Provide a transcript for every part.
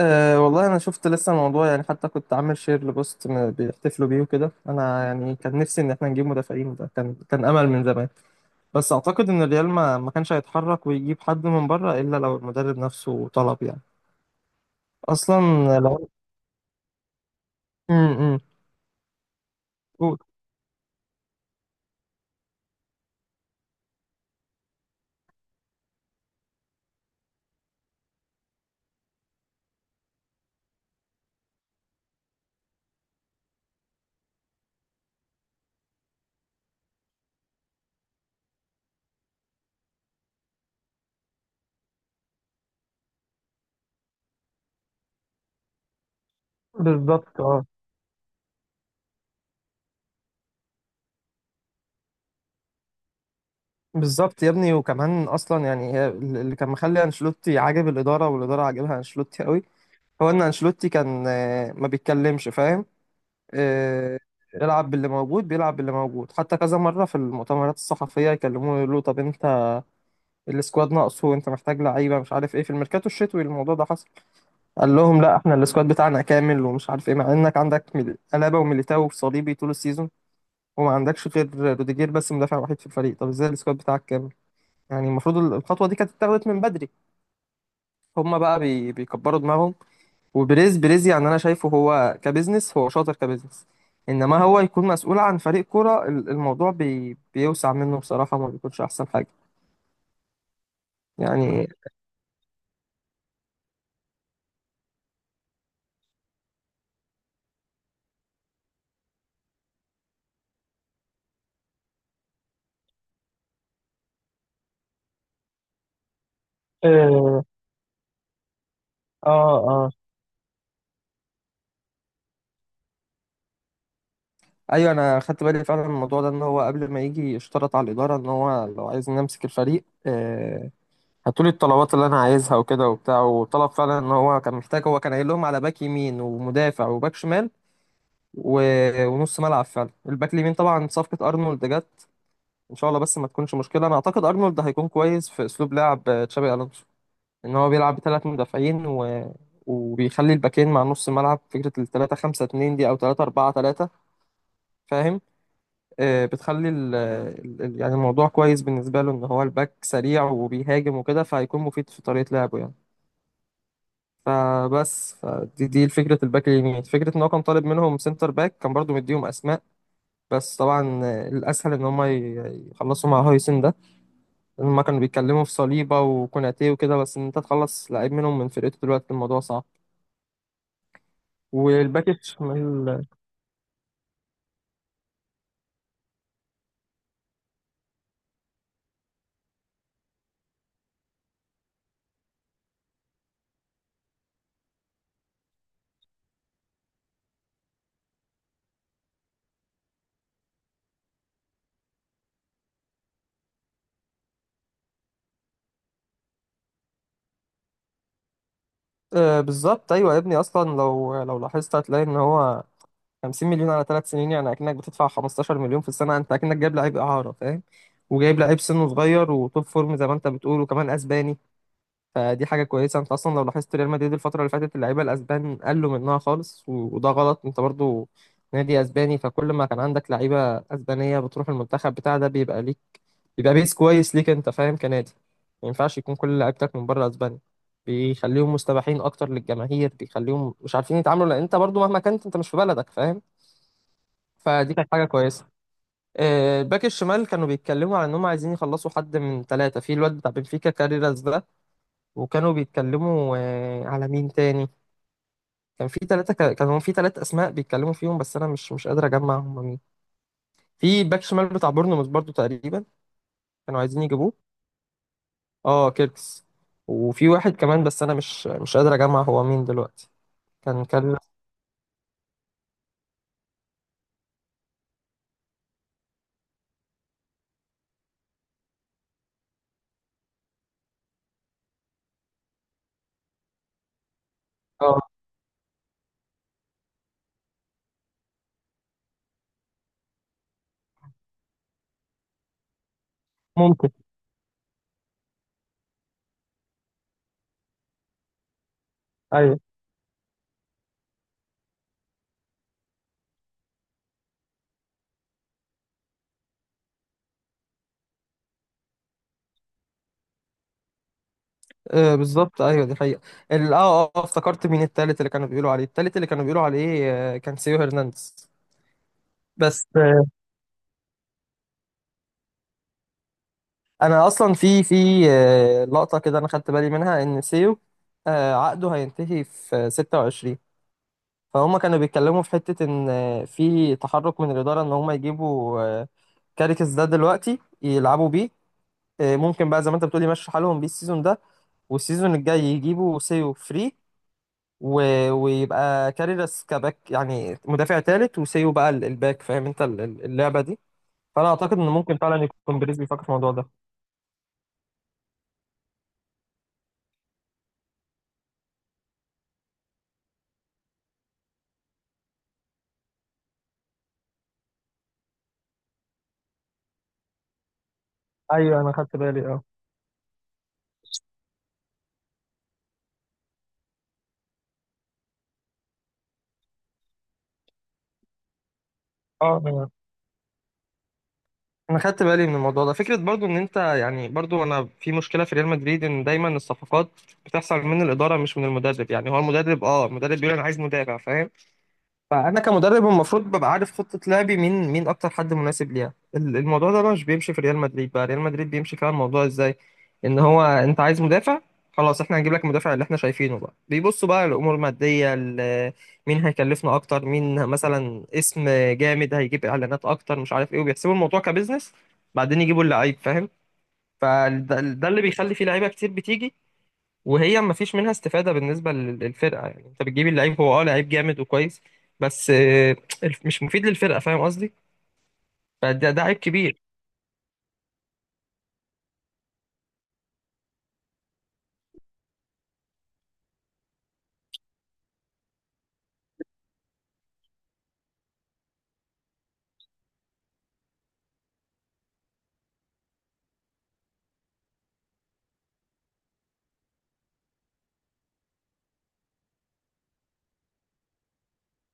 أه، والله انا شفت لسه الموضوع، حتى كنت عامل شير لبوست بيحتفلوا بيه وكده، انا يعني كان نفسي ان احنا نجيب مدافعين. ده كان امل من زمان. بس اعتقد ان الريال ما كانش هيتحرك ويجيب حد من بره الا لو المدرب نفسه طلب، يعني اصلا. لو امم بالظبط. اه، بالظبط يا ابني. وكمان اصلا يعني هي اللي كان مخلي انشيلوتي عاجب الاداره، والاداره عاجبها انشيلوتي قوي، هو ان انشيلوتي كان ما بيتكلمش، فاهم؟ آه، العب باللي موجود، بيلعب باللي موجود. حتى كذا مرة في المؤتمرات الصحفية يكلموه يقولوا له، طب انت السكواد ناقصه وانت محتاج لعيبة، مش عارف ايه، في الميركاتو الشتوي الموضوع ده حصل، قال لهم لا احنا السكواد بتاعنا كامل ومش عارف ايه، مع انك عندك ألابا وميليتاو وصليبي طول السيزون، وما عندكش غير روديجير بس مدافع وحيد في الفريق. طب ازاي السكواد بتاعك كامل؟ يعني المفروض الخطوة دي كانت اتاخدت من بدري. هما بقى بيكبروا دماغهم. وبريز، بريز يعني انا شايفه هو كبزنس هو شاطر، كبزنس. انما هو يكون مسؤول عن فريق كرة، الموضوع بيوسع منه بصراحة، ما بيكونش احسن حاجة. يعني اه اه آه. ايوه، انا خدت بالي فعلا من الموضوع ده، ان هو قبل ما يجي اشترط على الإدارة، ان هو لو عايز امسك الفريق، هاتوا لي الطلبات اللي انا عايزها وكده وبتاع. وطلب فعلا ان هو كان محتاج، هو كان قايل لهم على باك يمين، ومدافع، وباك شمال، و... ونص ملعب. فعلا الباك اليمين طبعا صفقة ارنولد جت، ان شاء الله بس ما تكونش مشكله. انا اعتقد ارنولد هيكون كويس في اسلوب لعب تشابي الونسو، ان هو بيلعب بثلاث مدافعين، وبيخلي الباكين مع نص الملعب، فكره ال 3 5 2 دي او 3 4 3، فاهم؟ بتخلي يعني الموضوع كويس بالنسبه له، ان هو الباك سريع وبيهاجم وكده، فهيكون مفيد في طريقه لعبه يعني. فبس فدي دي فكره الباك اليمين. فكره ان هو كان طالب منهم سنتر باك، كان برضو مديهم اسماء. بس طبعا الاسهل ان هم يخلصوا مع هويسن ده. هما كانوا بيتكلموا في صليبة وكوناتي وكده، بس إن أنت تخلص لعيب منهم من فرقته دلوقتي الموضوع صعب. والباك الشمال، آه بالظبط. أيوة يا ابني، أصلا لو لاحظت هتلاقي إن هو 50 مليون على ثلاث سنين، يعني أكنك بتدفع 15 مليون في السنة. أنت أكنك جايب لعيب إعارة، فاهم؟ وجايب لعيب سنه صغير وتوب فورم زي ما أنت بتقول، وكمان أسباني. فدي حاجة كويسة. أنت أصلا لو لاحظت ريال مدريد الفترة اللي فاتت اللعيبة الأسبان قلوا منها خالص، وده غلط. أنت برضو نادي اسباني، فكل ما كان عندك لعيبه اسبانيه بتروح المنتخب بتاع ده بيبقى ليك، يبقى بيس كويس ليك انت، فاهم؟ كنادي ما ينفعش يكون كل لعيبتك من بره اسبانيا، بيخليهم مستباحين اكتر للجماهير، بيخليهم مش عارفين يتعاملوا، لان انت برضو مهما كنت انت مش في بلدك، فاهم؟ فدي كانت حاجه كويسه. الباك الشمال كانوا بيتكلموا على انهم عايزين يخلصوا حد من ثلاثه، في الواد بتاع بنفيكا كاريراس ده. وكانوا بيتكلموا على مين تاني، كان في ثلاثه، كانوا في ثلاث اسماء بيتكلموا فيهم، بس انا مش قادر اجمع هم مين. في باك شمال بتاع بورنموث برضو تقريبا، كانوا عايزين يجيبوه، اه كيركس. وفي واحد كمان بس انا مش قادر اجمع هو مين دلوقتي. كان كان اه ممكن. ايوه، آه بالظبط ايوه دي حقيقة. افتكرت مين التالت اللي كانوا بيقولوا عليه، التالت اللي كانوا بيقولوا عليه آه، كان سيو هرنانديز. بس آه انا اصلا في في آه لقطة كده انا خدت بالي منها، ان سيو عقده هينتهي في 26، فهم كانوا بيتكلموا في حتة ان في تحرك من الإدارة ان هم يجيبوا كاريكس ده دلوقتي يلعبوا بيه. ممكن بقى زي ما انت بتقولي مشي حالهم بيه السيزون ده، والسيزون الجاي يجيبوا سيو فري، و... ويبقى كاريراس كباك، يعني مدافع تالت، وسيو بقى الباك، فاهم انت اللعبة دي؟ فانا اعتقد ان ممكن فعلا يكون بيريز بيفكر في الموضوع ده. ايوه انا خدت بالي اه. اه انا أنا خدت بالي من الموضوع ده، فكره برضو ان انت يعني برضو، انا في مشكله في ريال مدريد ان دايما الصفقات بتحصل من الاداره مش من المدرب. يعني هو المدرب، بيقول انا عايز مدافع، فاهم؟ فانا كمدرب المفروض ببقى عارف خطه لعبي، مين اكتر حد مناسب ليها. الموضوع ده بقى مش بيمشي في ريال مدريد، بقى ريال مدريد بيمشي فيها الموضوع ازاي، ان هو انت عايز مدافع، خلاص احنا هنجيب لك المدافع اللي احنا شايفينه، بقى بيبصوا بقى الامور الماديه، مين هيكلفنا اكتر، مين مثلا اسم جامد هيجيب اعلانات اكتر، مش عارف ايه، وبيحسبوا الموضوع كبزنس، بعدين يجيبوا اللعيب، فاهم؟ فده اللي بيخلي فيه لعيبه كتير بتيجي وهي ما فيش منها استفادة بالنسبة للفرقة. يعني انت بتجيب اللعيب، هو اه لعيب جامد وكويس، بس مش مفيد للفرقة، فاهم قصدي؟ فده عيب كبير.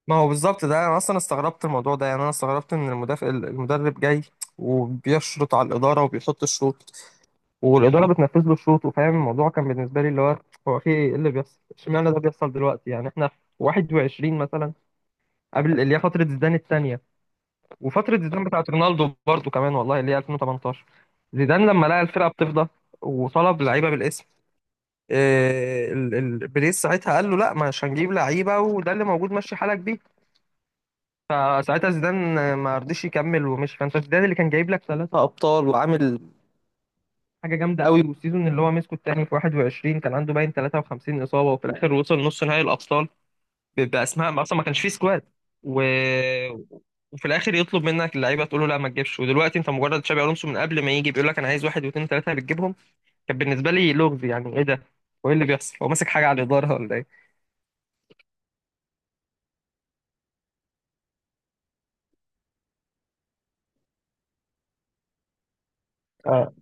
ما هو بالظبط ده، انا اصلا استغربت الموضوع ده، يعني انا استغربت ان المدافع المدرب جاي وبيشرط على الإدارة وبيحط الشروط والإدارة بتنفذ له شروطه، فاهم؟ الموضوع كان بالنسبة لي اللي هو، هو في ايه اللي بيحصل؟ اشمعنى ده بيحصل دلوقتي؟ يعني احنا في 21 مثلا، قبل اللي هي فترة زيدان الثانية، وفترة زيدان بتاعت رونالدو برضو كمان والله، اللي هي 2018، زيدان لما لقى الفرقة بتفضى وطلب لعيبة بالاسم، بريس ساعتها قال له لا مش هنجيب لعيبة وده اللي موجود ماشي حالك بيه، فساعتها زيدان ما رضيش يكمل ومشي. فانت زيدان اللي كان جايب لك ثلاثة أبطال، وعامل حاجة جامدة قوي، والسيزون اللي هو مسكه التاني في 21 كان عنده باين 53 إصابة، وفي الآخر وصل نص نهائي الأبطال باسماء ما اصلا ما كانش فيه سكواد، و... وفي الاخر يطلب منك اللعيبه تقول له لا ما تجيبش. ودلوقتي انت مجرد تشابي الونسو، من قبل ما يجي بيقول لك انا عايز واحد واثنين ثلاثه بتجيبهم. كان بالنسبه لي لغز، يعني ايه ده وايه اللي بيحصل؟ هو ماسك حاجه على الاداره ولا ايه؟ اه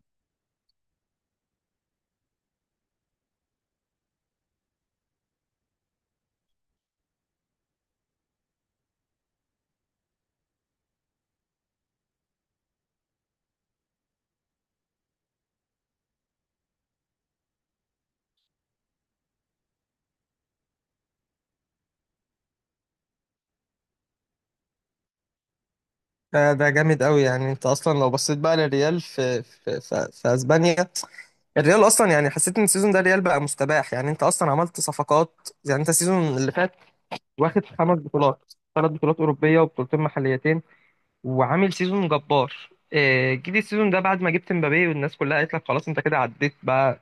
ده ده جامد قوي. يعني انت اصلا لو بصيت بقى للريال في اسبانيا، الريال اصلا يعني حسيت ان السيزون ده الريال بقى مستباح. يعني انت اصلا عملت صفقات، يعني انت السيزون اللي فات واخد خمس بطولات، ثلاث بطولات اوروبيه وبطولتين محليتين، وعامل سيزون جبار. جيت السيزون ده بعد ما جبت مبابي، والناس كلها قالت لك خلاص انت كده عديت بقى،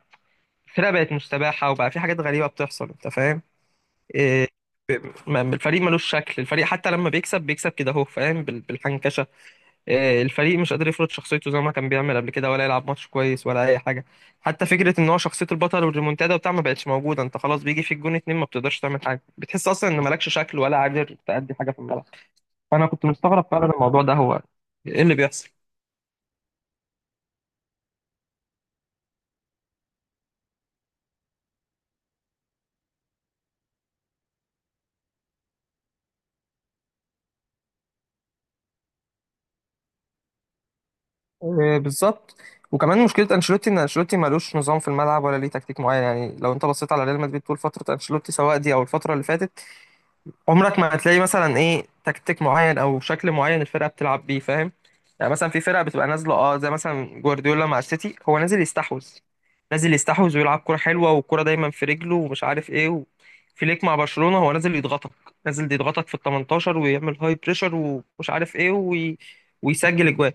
الفرقه بقت مستباحه وبقى في حاجات غريبه بتحصل، انت فاهم؟ آه، الفريق ملوش شكل، الفريق حتى لما بيكسب بيكسب كده اهو، فاهم؟ بالحنكشه. الفريق مش قادر يفرض شخصيته زي ما كان بيعمل قبل كده، ولا يلعب ماتش كويس ولا اي حاجه. حتى فكره ان هو شخصيه البطل والريمونتادا وبتاع ما بقتش موجوده، انت خلاص بيجي في الجون اتنين ما بتقدرش تعمل حاجه، بتحس اصلا ان مالكش شكل ولا قادر تأدي حاجه في الملعب. فانا كنت مستغرب فعلا الموضوع ده، هو ايه اللي بيحصل؟ بالظبط. وكمان مشكله انشيلوتي ان انشيلوتي ملوش نظام في الملعب، ولا ليه تكتيك معين. يعني لو انت بصيت على ريال مدريد طول فتره انشيلوتي، سواء دي او الفتره اللي فاتت، عمرك ما هتلاقي مثلا ايه تكتيك معين او شكل معين الفرقه بتلعب بيه، فاهم؟ يعني مثلا في فرقه بتبقى نازله اه زي مثلا جوارديولا مع السيتي، هو نازل يستحوذ، ويلعب كرة حلوة، والكرة دايما في رجله ومش عارف ايه، فليك مع برشلونة هو نازل يضغطك، في ال 18، ويعمل هاي بريشر ومش عارف ايه، ويسجل اجوان.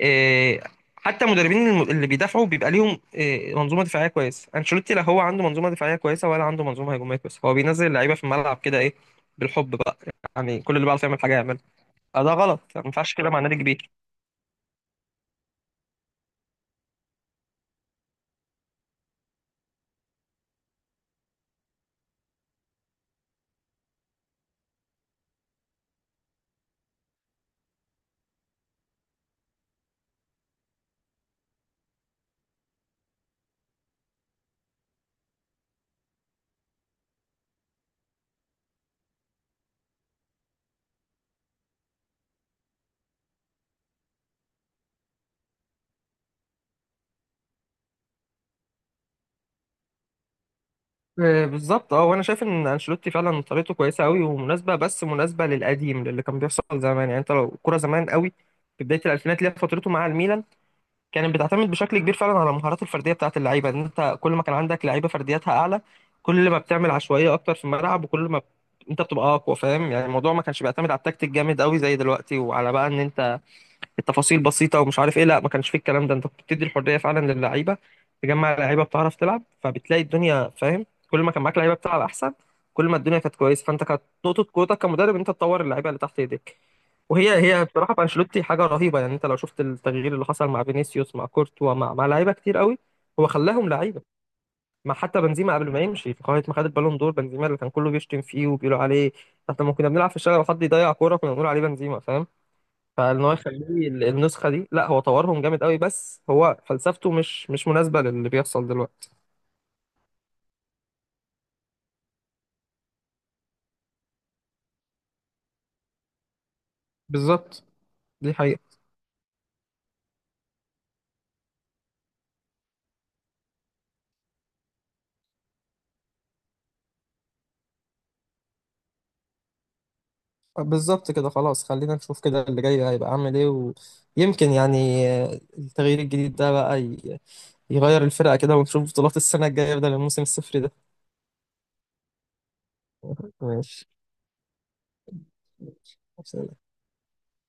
آه، حتى المدربين اللي بيدافعوا بيبقى ليهم منظومه دفاعيه كويسه. انشيلوتي لا هو عنده منظومه دفاعيه كويسه ولا عنده منظومه هجوميه كويسه، هو بينزل اللعيبه في الملعب كده ايه، بالحب بقى. يعني كل اللي بيعرف يعمل حاجه يعملها. ده غلط، ما ينفعش كده مع نادي كبير. بالظبط اه، وانا شايف ان انشيلوتي فعلا طريقته كويسه قوي ومناسبه، بس مناسبه للقديم، للي كان بيحصل زمان. يعني انت لو الكوره زمان قوي في بدايه الالفينات اللي هي فترته مع الميلان، كانت بتعتمد بشكل كبير فعلا على المهارات الفرديه بتاعت اللعيبه، ان انت كل ما كان عندك لعيبه فردياتها اعلى كل ما بتعمل عشوائيه اكتر في الملعب، وكل ما انت بتبقى اقوى، فاهم؟ يعني الموضوع ما كانش بيعتمد على التكتيك جامد قوي زي دلوقتي، وعلى بقى ان انت التفاصيل بسيطه ومش عارف ايه، لا ما كانش فيه الكلام ده. انت كنت بتدي الحريه فعلا للعيبه، تجمع لعيبه بتعرف تلعب فبتلاقي الدنيا، فاهم؟ كل ما كان معاك لعيبه بتلعب احسن، كل ما الدنيا كانت كويسه. فانت كانت نقطه قوتك كمدرب انت تطور اللعيبه اللي تحت ايديك، وهي بصراحه في انشيلوتي حاجه رهيبه. يعني انت لو شفت التغيير اللي حصل مع فينيسيوس، مع كورتوا، مع لعيبه كتير قوي، هو خلاهم لعيبه. ما حتى بنزيما قبل ما يمشي في قائمه ما خد البالون دور، بنزيما اللي كان كله بيشتم فيه وبيقولوا عليه، احنا لما كنا بنلعب في الشارع وحد يضيع كوره كنا بنقول عليه بنزيما، فاهم؟ فان هو يخليه النسخه دي، لا هو طورهم جامد قوي، بس هو فلسفته مش مناسبه للي بيحصل دلوقتي. بالظبط، دي حقيقه. بالظبط كده، خلاص خلينا نشوف كده اللي جاي هيبقى عامل ايه، ويمكن يعني التغيير الجديد ده بقى يغير الفرقه كده، ونشوف بطولات السنه الجايه بدل الموسم الصفر ده. ماشي.